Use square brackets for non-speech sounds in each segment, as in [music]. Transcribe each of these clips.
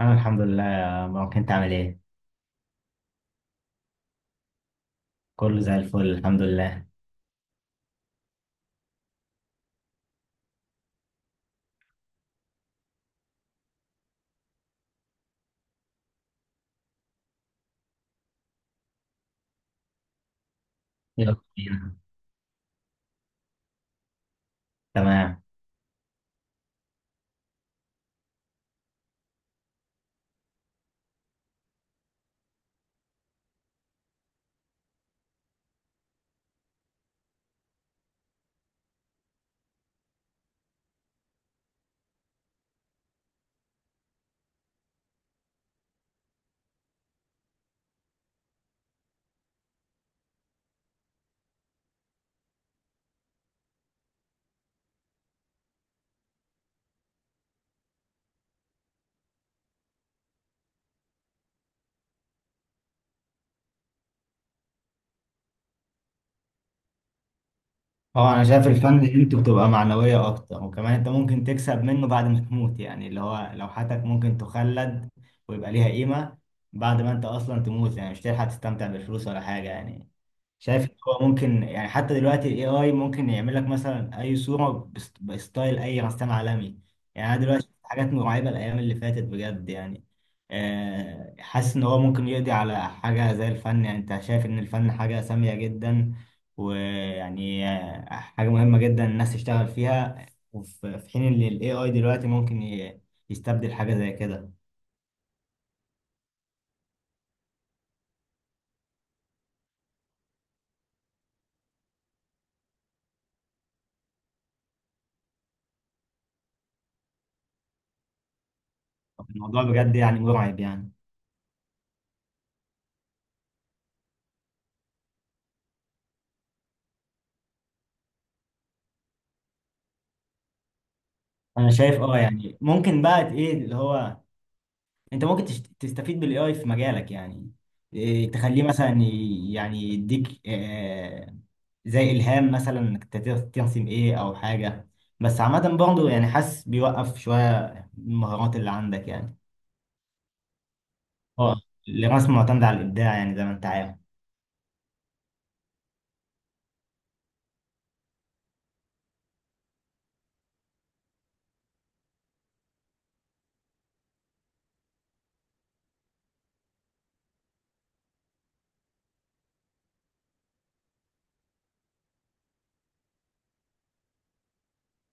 أنا الحمد لله يا مروان، أنت عامل إيه؟ كله زي الفل، الحمد لله. يلا بينا. تمام. هو أنا شايف الفن قيمته بتبقى معنوية أكتر، وكمان أنت ممكن تكسب منه بعد ما تموت، يعني اللي هو لوحاتك ممكن تخلد ويبقى ليها قيمة بعد ما أنت أصلا تموت، يعني مش هتلحق تستمتع بالفلوس ولا حاجة يعني. شايف إن هو ممكن يعني حتى دلوقتي الاي اي ممكن يعمل لك مثلا اي صوره بستايل اي رسام عالمي. يعني انا دلوقتي شفت حاجات مرعبه الايام اللي فاتت بجد يعني. حاسس ان هو ممكن يقضي على حاجه زي الفن، يعني انت شايف ان الفن حاجه ساميه جدا، ويعني حاجه مهمه جدا الناس تشتغل فيها. وفي حين ان الاي اي دلوقتي يستبدل حاجه زي كده. الموضوع بجد يعني مرعب يعني. انا شايف اه، يعني ممكن بقى ايه اللي هو انت تستفيد بالاي اي في مجالك يعني. إيه، تخليه مثلا يعني يديك آه، زي الهام، مثلا انك ترسم ايه او حاجه. بس عامه برضه يعني حاسس بيوقف شويه المهارات اللي عندك يعني. اه. الرسم معتمد على الابداع يعني زي ما انت عارف.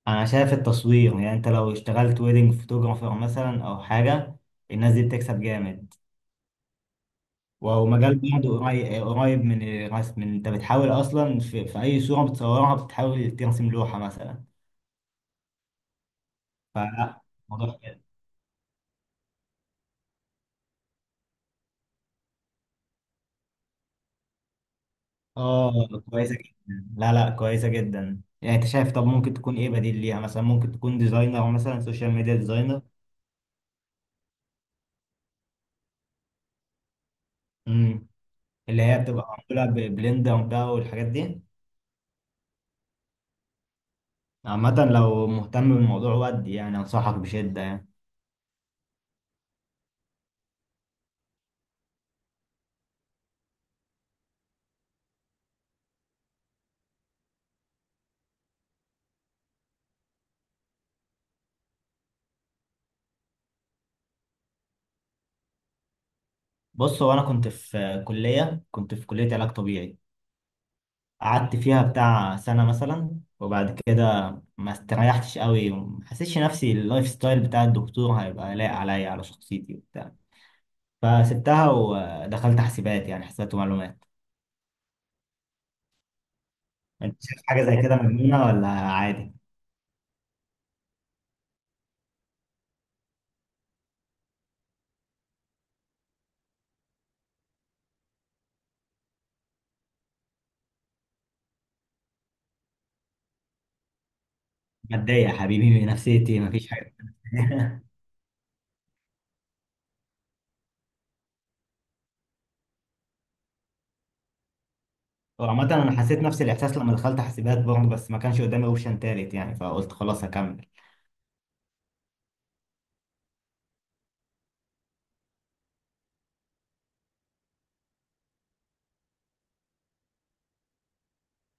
انا شايف التصوير، يعني انت لو اشتغلت ويدنج فوتوغرافر مثلا او حاجه، الناس دي بتكسب جامد. ومجال برضه قريب من الرسم، انت بتحاول اصلا في اي صورة بتصورها بتحاول ترسم لوحة مثلا. فلا، الموضوع كده. اه كويسة جدا، لا لا، كويسة جدا يعني. انت شايف، طب ممكن تكون ايه بديل ليها؟ مثلا ممكن تكون ديزاينر، مثلا سوشيال ميديا ديزاينر. امم. اللي هي بتبقى معمولة ببلندر بقى والحاجات دي. عامة لو مهتم بالموضوع ودي، يعني انصحك بشدة يعني. بص، هو انا كنت في كلية علاج طبيعي، قعدت فيها بتاع سنة مثلا، وبعد كده ما استريحتش قوي وما حسيتش نفسي اللايف ستايل بتاع الدكتور هيبقى لايق عليا على شخصيتي وبتاع. فسبتها ودخلت حاسبات، يعني حسابات ومعلومات. انت شايف حاجة زي كده مجنونة ولا عادي؟ متضايق يا حبيبي [laughs] من نفسيتي؟ مفيش حاجة. [laughs] وعامة أنا حسيت نفس الإحساس لما دخلت حاسبات برضه، بس ما كانش قدامي أوبشن تالت يعني، فقلت خلاص هكمل.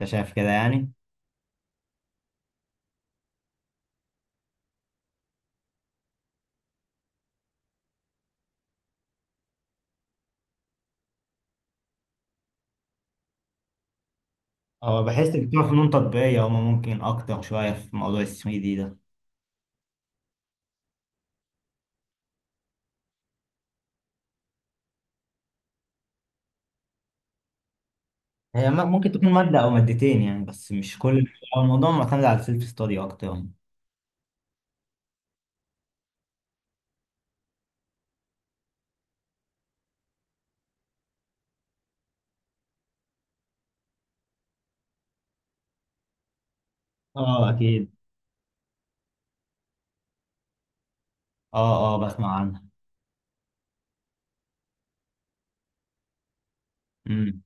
أنت شايف كده يعني؟ هو بحس إن بتوع فنون تطبيقية هما ممكن أكتر شوية في موضوع ال 3D. هي ممكن تكون مادة أو مادتين يعني، بس مش كل، هو الموضوع معتمد على السيلف ستادي أكتر يعني. اه أكيد. اه اه بسمع عنها. امم.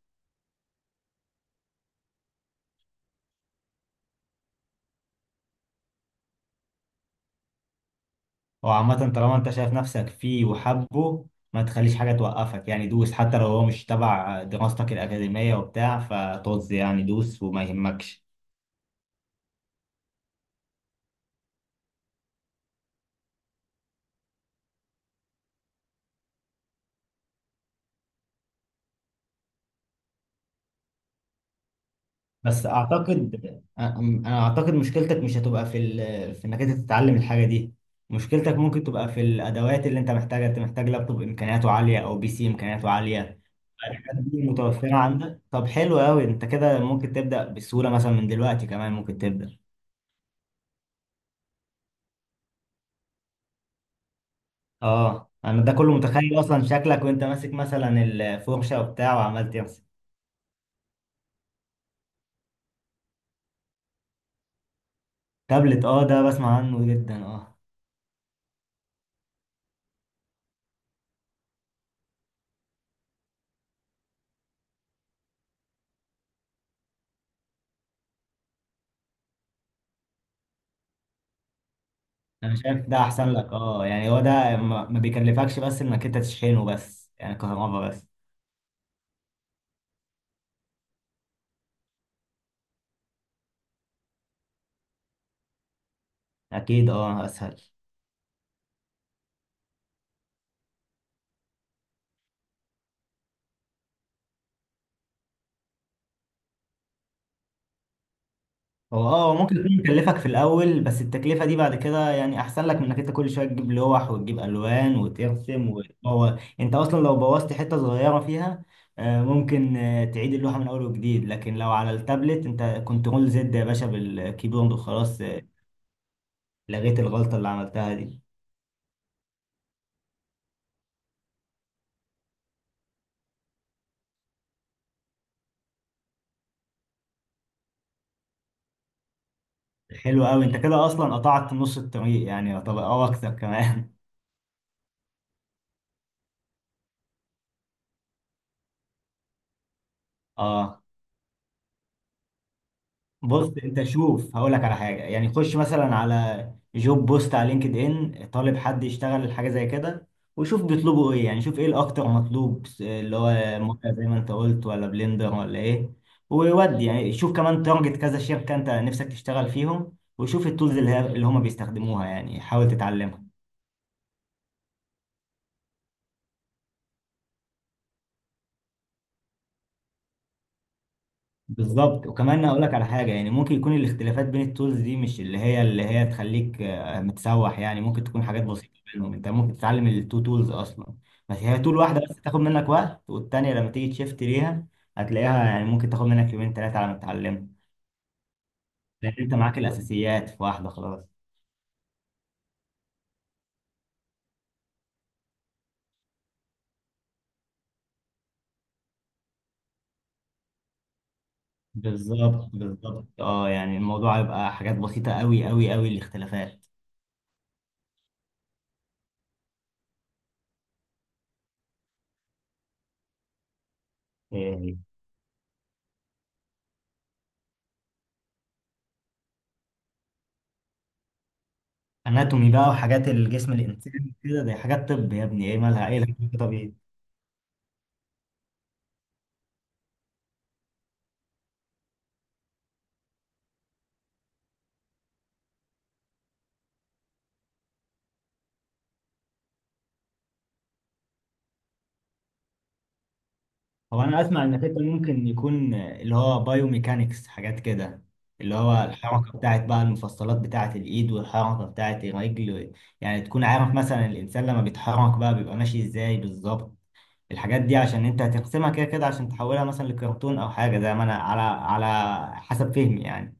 وعامة طالما أنت شايف نفسك فيه وحبه، ما تخليش حاجة توقفك يعني. دوس حتى لو هو مش تبع دراستك الأكاديمية وبتاع فطز يعني، دوس وما يهمكش. بس اعتقد، أنا اعتقد مشكلتك مش هتبقى في ال... في انك انت تتعلم الحاجه دي. مشكلتك ممكن تبقى في الادوات اللي انت محتاجها. انت محتاج لابتوب امكانياته عاليه او بي سي امكانياته عاليه. الحاجات دي متوفره عندك؟ طب حلو قوي، انت كده ممكن تبدا بسهوله، مثلا من دلوقتي كمان ممكن تبدا. اه انا ده كله متخيل اصلا شكلك وانت ماسك مثلا الفرشه وبتاع وعمال ترسم. تابلت، اه ده بسمع عنه جدا، اه. انا شايف ده احسن لك، اه يعني هو ده ما بيكلفكش بس انك انت تشحنه، بس يعني كهربا بس. اكيد اه، اسهل. هو اه هو ممكن يكون يكلفك في الاول، بس التكلفه دي بعد كده يعني احسن لك من انك انت كل شويه تجيب لوح وتجيب الوان وترسم. وهو انت اصلا لو بوظت حته صغيره فيها، ممكن تعيد اللوحه من اول وجديد، لكن لو على التابلت انت كنترول زد يا باشا بالكيبورد وخلاص، لغيت الغلطه اللي عملتها دي. حلو قوي، انت كده اصلا قطعت نص الطريق يعني، طب او اكتر كمان. اه بص، انت شوف هقول لك على حاجه يعني. خش مثلا على جوب بوست على لينكد ان، طالب حد يشتغل حاجه زي كده، وشوف بيطلبوا ايه يعني. شوف ايه الاكتر مطلوب، اللي هو موقع زي ما انت قلت ولا بلندر ولا ايه. وودي يعني، شوف كمان تارجت كذا شركه انت نفسك تشتغل فيهم، وشوف التولز اللي هم بيستخدموها يعني، حاول تتعلمها. بالظبط. وكمان اقول لك على حاجه، يعني ممكن يكون الاختلافات بين التولز دي مش اللي هي تخليك آه، متسوح يعني. ممكن تكون حاجات بسيطه بينهم، انت ممكن تتعلم تولز اصلا. بس هي تول واحده بس تاخد منك وقت، والتانيه لما تيجي تشفت ليها هتلاقيها، يعني ممكن تاخد منك يومين ثلاثه على ما تتعلمها، لان انت معاك الاساسيات في واحده خلاص. بالظبط بالظبط، اه يعني الموضوع هيبقى حاجات بسيطه، قوي الاختلافات. إيه. اناتومي بقى وحاجات الجسم الانساني كده، دي حاجات طب يا ابني، ايه مالها؟ ايه الهبل ده؟ طب هو انا اسمع انك انت ممكن يكون اللي هو بايوميكانكس، حاجات كده، اللي هو الحركه بتاعت بقى المفصلات بتاعت الايد والحركه بتاعت الرجل. يعني تكون عارف مثلا الانسان لما بيتحرك بقى بيبقى ماشي ازاي بالظبط. الحاجات دي عشان انت هتقسمها كده كده عشان تحولها مثلا لكرتون او حاجه، زي ما انا على على حسب فهمي يعني.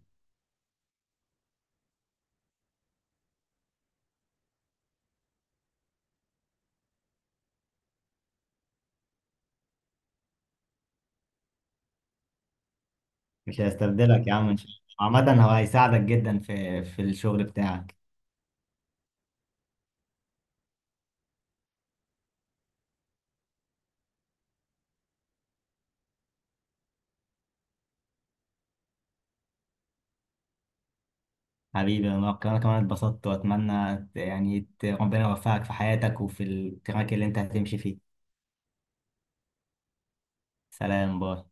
مش هيستبدلك يا عم ان شاء الله. عامه هو هيساعدك جدا في الشغل بتاعك. حبيبي، انا كمان اتبسطت، واتمنى يعني ربنا يوفقك في حياتك وفي التراك اللي انت هتمشي فيه. سلام، باي.